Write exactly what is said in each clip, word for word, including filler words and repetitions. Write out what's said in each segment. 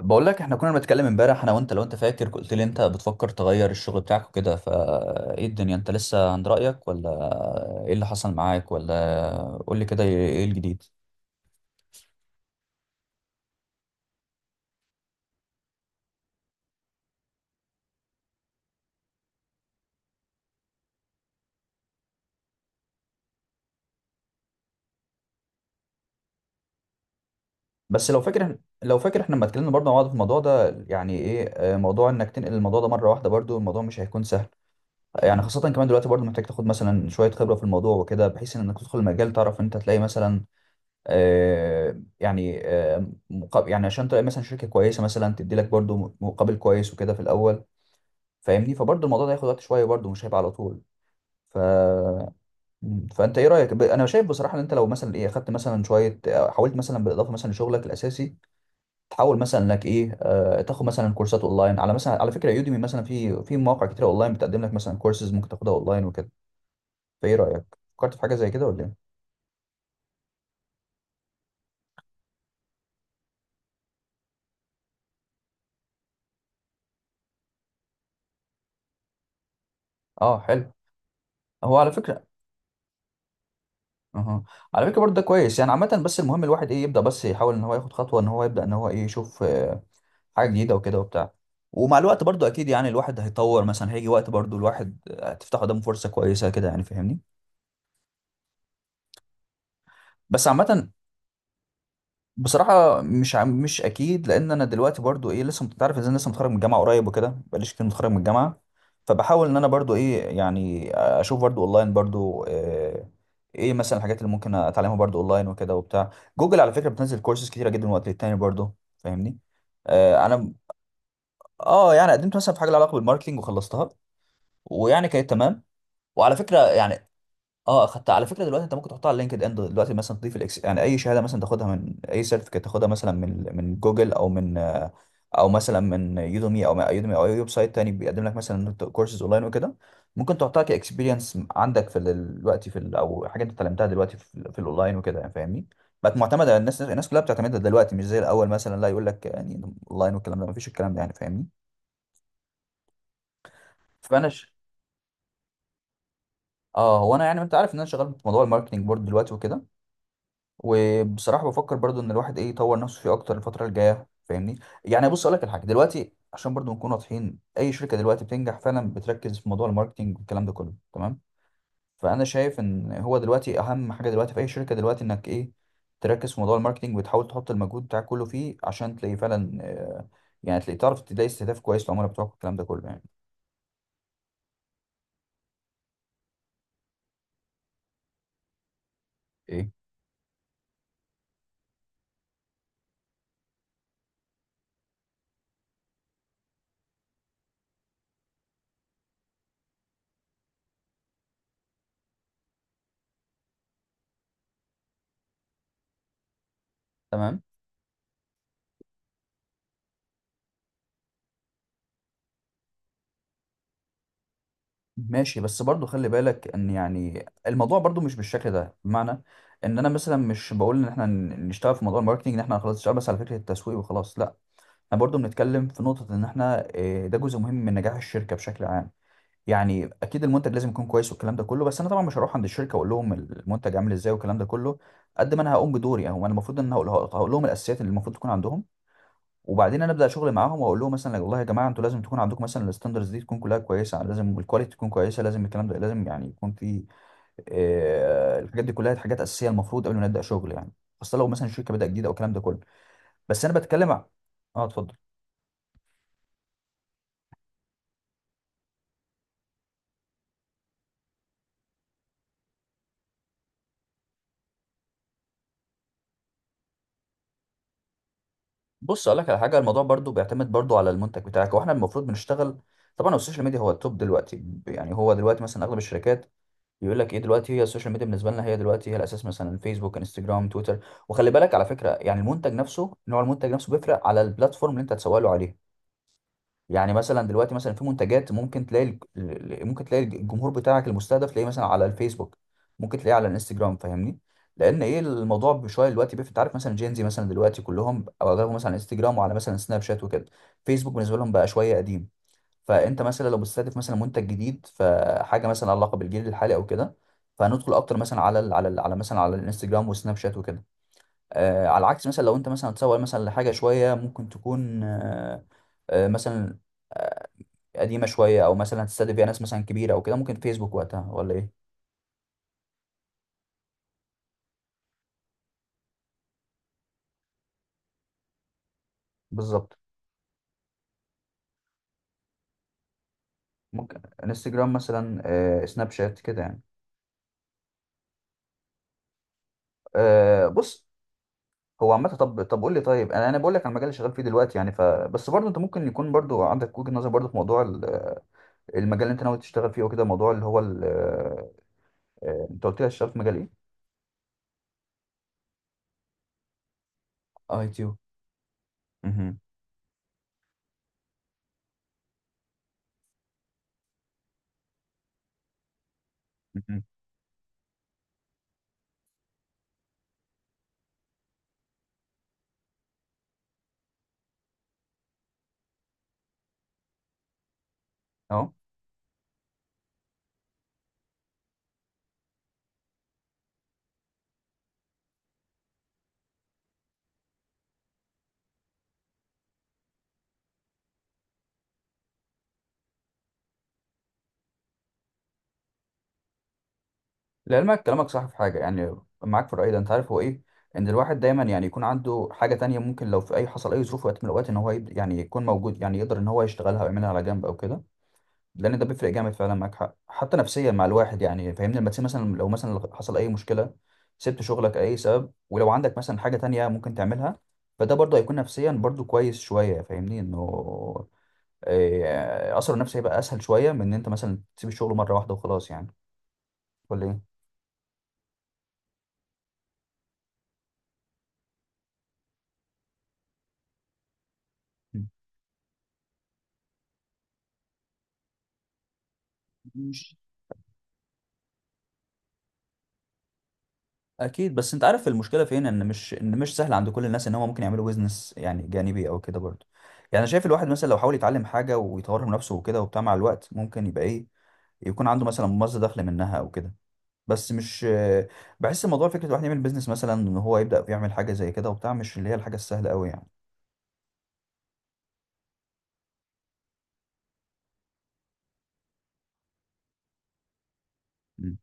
بقول لك احنا كنا بنتكلم امبارح انا وانت. لو انت فاكر، قلت لي انت بتفكر تغير الشغل بتاعك وكده، فايه الدنيا؟ انت لسه عند رأيك ولا ايه اللي حصل معاك؟ ولا قول لي كده، ايه ايه الجديد؟ بس لو فاكر لو فاكر، احنا لما اتكلمنا برضه مع بعض في الموضوع ده، يعني ايه، آه، موضوع انك تنقل الموضوع ده مره واحده، برضه الموضوع مش هيكون سهل. يعني خاصه كمان دلوقتي برضه محتاج تاخد مثلا شويه خبره في الموضوع وكده، بحيث انك تدخل المجال، تعرف انت تلاقي مثلا آه، يعني آه، مقابل، يعني عشان تلاقي مثلا شركه كويسه مثلا تدي لك برضو مقابل كويس وكده في الاول، فاهمني؟ فبرضو الموضوع ده هياخد وقت شويه برضو، مش هيبقى على طول. ف فانت ايه رايك؟ ب- انا شايف بصراحه ان انت لو مثلا ايه اخدت مثلا شويه، آه، حاولت مثلا بالاضافه مثلا لشغلك الاساسي تحاول مثلا لك ايه، آه، تاخد مثلا كورسات اونلاين، على مثلا على فكره يوديمي مثلا، في في مواقع كتير اونلاين بتقدم لك مثلا كورسز ممكن تاخدها اونلاين وكده. فايه رايك؟ فكرت في حاجه زي كده ولا ايه؟ اه، حلو. هو على فكره اها على فكره، برضه ده كويس يعني عامه. بس المهم الواحد ايه، يبدا بس، يحاول ان هو ياخد خطوه، ان هو يبدا، ان هو ايه يشوف آه، حاجه جديده وكده وبتاع. ومع الوقت برضه اكيد يعني الواحد هيطور، مثلا هيجي وقت برضه الواحد هتفتح قدامه فرصه كويسه كده يعني، فاهمني؟ بس عامه، بصراحة مش عم مش أكيد. لأن أنا دلوقتي برضو إيه لسه مت- تعرف إزاي، أنا لسه متخرج من الجامعة قريب وكده، بقاليش كتير متخرج من الجامعة. فبحاول إن أنا برضو إيه، يعني أشوف برضو أونلاين برضو، آه، إيه مثلا الحاجات اللي ممكن أتعلمها برضو أونلاين وكده وبتاع. جوجل على فكرة بتنزل كورسز كتيرة جدا من وقت للتاني، برضو فاهمني؟ آه، أنا آه يعني قدمت مثلا في حاجة لها علاقة بالماركتينج وخلصتها، ويعني كانت تمام. وعلى فكرة يعني اه خدت. على فكره دلوقتي انت ممكن تحطها على لينكد ان دلوقتي، مثلا تضيف الاكس، يعني اي شهاده مثلا تاخدها، من اي سيرتيفيكت تاخدها مثلا من من جوجل او من آه، او مثلا من يودمي او يودمي او اي ويب سايت تاني بيقدم لك مثلا كورسز اونلاين وكده، ممكن تحطها كاكسبيرينس عندك في ال- دلوقتي في ال- او حاجه انت اتعلمتها دلوقتي في, ال- في الاونلاين وكده، يعني فاهمني. بقت معتمده، الناس الناس كلها بتعتمدها دلوقتي، مش زي الاول مثلا لا يقول لك يعني اونلاين والكلام ده مفيش، الكلام ده يعني فاهمني. فانا ش... اه، هو انا يعني انت عارف ان انا شغال في موضوع الماركتنج بورد دلوقتي وكده، وبصراحه بفكر برضو ان الواحد ايه يطور نفسه فيه اكتر الفتره الجايه، فاهمني؟ يعني بص اقول لك الحاجه دلوقتي، عشان برضو نكون واضحين، اي شركه دلوقتي بتنجح فعلا بتركز في موضوع الماركتينج والكلام ده كله، تمام؟ فانا شايف ان هو دلوقتي اهم حاجه دلوقتي في اي شركه دلوقتي انك ايه، تركز في موضوع الماركتينج وتحاول تحط المجهود بتاعك كله فيه، عشان تلاقي فعلا آه، يعني تلاقي، تعرف تلاقي استهداف كويس للعملاء بتوعك والكلام ده كله يعني. ايه تمام. ماشي، بس برضو خلي بالك ان يعني الموضوع برضو مش بالشكل ده، بمعنى ان انا مثلا مش بقول ان احنا ن- نشتغل في موضوع الماركتينج ان احنا خلاص نشتغل بس على فكرة التسويق وخلاص، لا. احنا برضو بنتكلم في نقطة ان احنا إيه، ده جزء مهم من نجاح الشركة بشكل عام. يعني اكيد المنتج لازم يكون كويس والكلام ده كله، بس انا طبعا مش هروح عند الشركة واقول لهم المنتج عامل ازاي والكلام ده كله. قد ما انا هقوم بدوري اهو، انا المفروض ان أنا هقول هقول لهم الاساسيات اللي المفروض تكون عندهم، وبعدين انا ابدا شغل معاهم، واقول لهم مثلا والله يا جماعه انتوا لازم تكون عندكم مثلا الستاندرز دي تكون كلها كويسه، لازم الكواليتي تكون كويسه، لازم الكلام ده لازم يعني يكون في آه، الحاجات دي كلها حاجات اساسيه المفروض قبل ما نبدا شغل يعني، خاصه لو مثلا الشركه بدأ جديد او الكلام ده كله. بس انا بتكلم ع- اه اتفضل. بص اقول لك على حاجه، الموضوع برضو بيعتمد برضو على المنتج بتاعك واحنا المفروض بنشتغل. طبعا هو السوشيال ميديا هو التوب دلوقتي، يعني هو دلوقتي مثلا اغلب الشركات بيقول لك ايه، دلوقتي هي السوشيال ميديا بالنسبه لنا هي دلوقتي هي الاساس، مثلا فيسبوك، انستجرام، تويتر. وخلي بالك على فكره يعني المنتج نفسه، نوع المنتج نفسه بيفرق على البلاتفورم اللي انت هتسوق له عليه. يعني مثلا دلوقتي مثلا في منتجات ممكن تلاقي الج- ال- ال- ممكن تلاقي الجمهور بتاعك المستهدف تلاقيه مثلا على الفيسبوك، ممكن تلاقيه على الانستجرام، فاهمني؟ لان ايه، الموضوع بشويه دلوقتي بيفرق، انت عارف مثلا جينزي مثلا دلوقتي كلهم او اغلبهم مثلا على انستجرام وعلى مثلا سناب شات وكده، فيسبوك بالنسبه لهم بقى شويه قديم. فانت مثلا لو بتستهدف مثلا منتج جديد، فحاجه مثلا علاقه بالجيل الحالي او كده، فهندخل اكتر مثلا على ال على ال على مثلا على الانستجرام والسناب شات وكده. آه على العكس مثلا، لو انت مثلا هتسوق مثلا لحاجه شويه ممكن تكون آه آه مثلا قديمه شويه، او مثلا هتستهدف فيها ناس مثلا كبيره او كده، ممكن فيسبوك وقتها ولا ايه؟ بالظبط، ممكن انستجرام مثلا، آه سناب شات كده يعني. آه بص، هو عامه، طب طب قول لي، طيب انا انا بقول لك على المجال اللي شغال فيه دلوقتي يعني، فبس برضه انت ممكن يكون برضه عندك وجهه نظر برضه في موضوع المجال اللي انت ناوي تشتغل فيه وكده، موضوع اللي هو ال- آه، آه، انت قلت لي هتشتغل في مجال ايه؟ اي تيو. مهم. مهم. اه، لعلمك كلامك صح في حاجه يعني، معاك في الراي ده. انت عارف هو ايه، ان الواحد دايما يعني يكون عنده حاجه تانية، ممكن لو في اي حصل اي ظروف وقت من الاوقات، ان هو يبد- يعني يكون موجود، يعني يقدر ان هو يشتغلها ويعملها على جنب او كده. لان ده بيفرق جامد فعلا، معاك حق حتى نفسيا مع الواحد يعني، فاهمني؟ لما تسيب مثلا، لو مثلا حصل اي مشكله سبت شغلك اي سبب، ولو عندك مثلا حاجه تانية ممكن تعملها، فده برضه هيكون نفسيا برضه كويس شويه، فاهمني انه آه، اثره النفسي هيبقى اسهل شويه من ان انت مثلا تسيب الشغل مره واحده وخلاص يعني، ولا ايه؟ مش اكيد. بس انت عارف المشكله فين، ان مش ان مش سهل عند كل الناس ان هم ممكن يعملوا بيزنس يعني جانبي او كده برضه، يعني انا شايف الواحد مثلا لو حاول يتعلم حاجه ويطور من نفسه وكده وبتاع، مع الوقت ممكن يبقى ايه، يكون عنده مثلا مصدر دخل منها او كده. بس مش، بحس الموضوع فكره الواحد يعمل بيزنس مثلا، ان هو يبدا يعمل حاجه زي كده وبتاع، مش اللي هي الحاجه السهله قوي يعني. مم.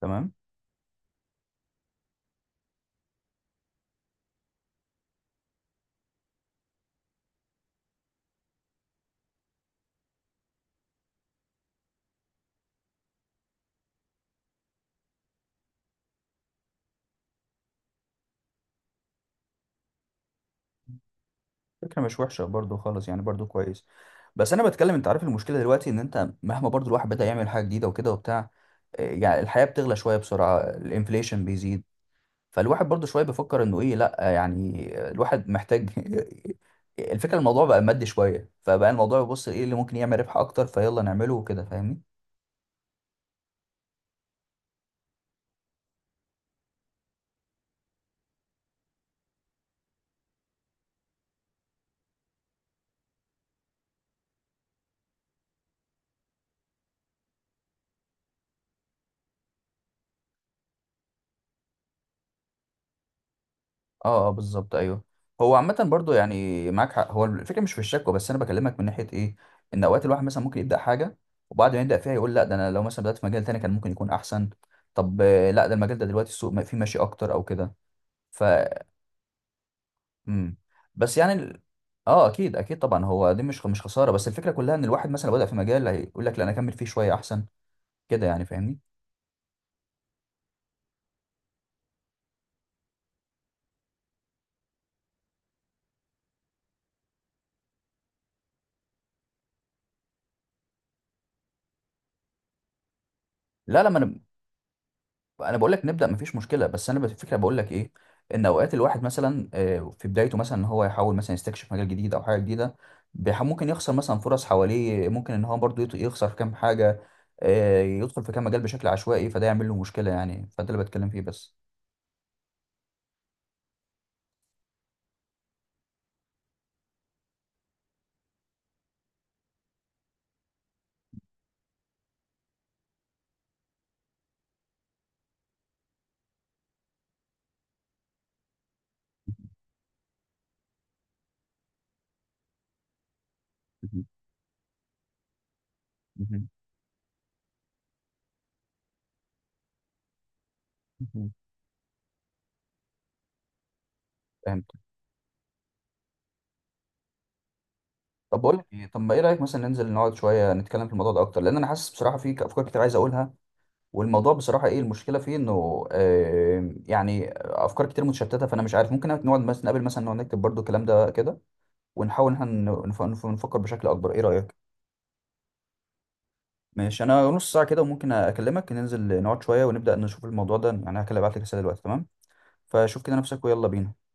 تمام. فكره مش وحشه برضو خالص يعني، برضو كويس. بس انا بتكلم، انت عارف المشكله دلوقتي، ان انت مهما برضو الواحد بدا يعمل حاجه جديده وكده وبتاع، إيه، يعني الحياه بتغلى شويه بسرعه، الانفليشن بيزيد، فالواحد برضو شويه بيفكر انه ايه، لا يعني الواحد محتاج الفكره، الموضوع بقى مادي شويه، فبقى الموضوع بيبص ايه اللي ممكن يعمل ربح اكتر فيلا نعمله وكده، فاهمني؟ اه اه بالظبط، ايوه. هو عامة برضو يعني معاك حق، هو الفكرة مش في الشكوى، بس انا بكلمك من ناحية ايه، ان اوقات الواحد مثلا ممكن يبدأ حاجة، وبعد ما يبدأ فيها يقول لا، ده انا لو مثلا بدأت في مجال تاني كان ممكن يكون احسن. طب آه، لا، ده المجال ده دلوقتي السوق ما- فيه ماشي اكتر او كده. ف امم بس يعني ال- اه اكيد اكيد طبعا، هو دي مش مش خسارة، بس الفكرة كلها ان الواحد مثلا لو بدأ في مجال هيقول لك لا انا اكمل فيه شوية احسن كده يعني، فاهمني؟ لا لا ما انا انا بقول لك نبدا مفيش مشكله، بس انا الفكره بقول لك ايه، ان اوقات الواحد مثلا آه، في بدايته مثلا، ان هو يحاول مثلا يستكشف مجال جديد او حاجه جديده، بيح- ممكن يخسر مثلا فرص حواليه، ممكن ان هو برضه يط- يخسر كام حاجه، آه، يدخل في كام مجال بشكل عشوائي، فده يعمل له مشكله يعني، فده اللي بتكلم فيه بس. مهم. مهم. مهم. فهمت. طب بقول لك ايه، طب ما ايه رايك مثلا ننزل نقعد شويه نتكلم في الموضوع ده اكتر، لان انا حاسس بصراحه في افكار كتير عايز اقولها، والموضوع بصراحة ايه المشكلة فيه انه آه، يعني افكار كتير متشتتة، فانا مش عارف، ممكن نقعد مثلا نقابل مثلا نقعد نكتب برضو الكلام ده كده، ونحاول ان احنا ن- نف- نف- نفكر بشكل اكبر، ايه رأيك؟ ماشي، انا نص ساعة كده وممكن اكلمك، ننزل نقعد شوية ونبدأ نشوف الموضوع ده يعني. هكلم، ابعت لك رسالة دلوقتي، تمام؟ فشوف كده نفسك ويلا بينا.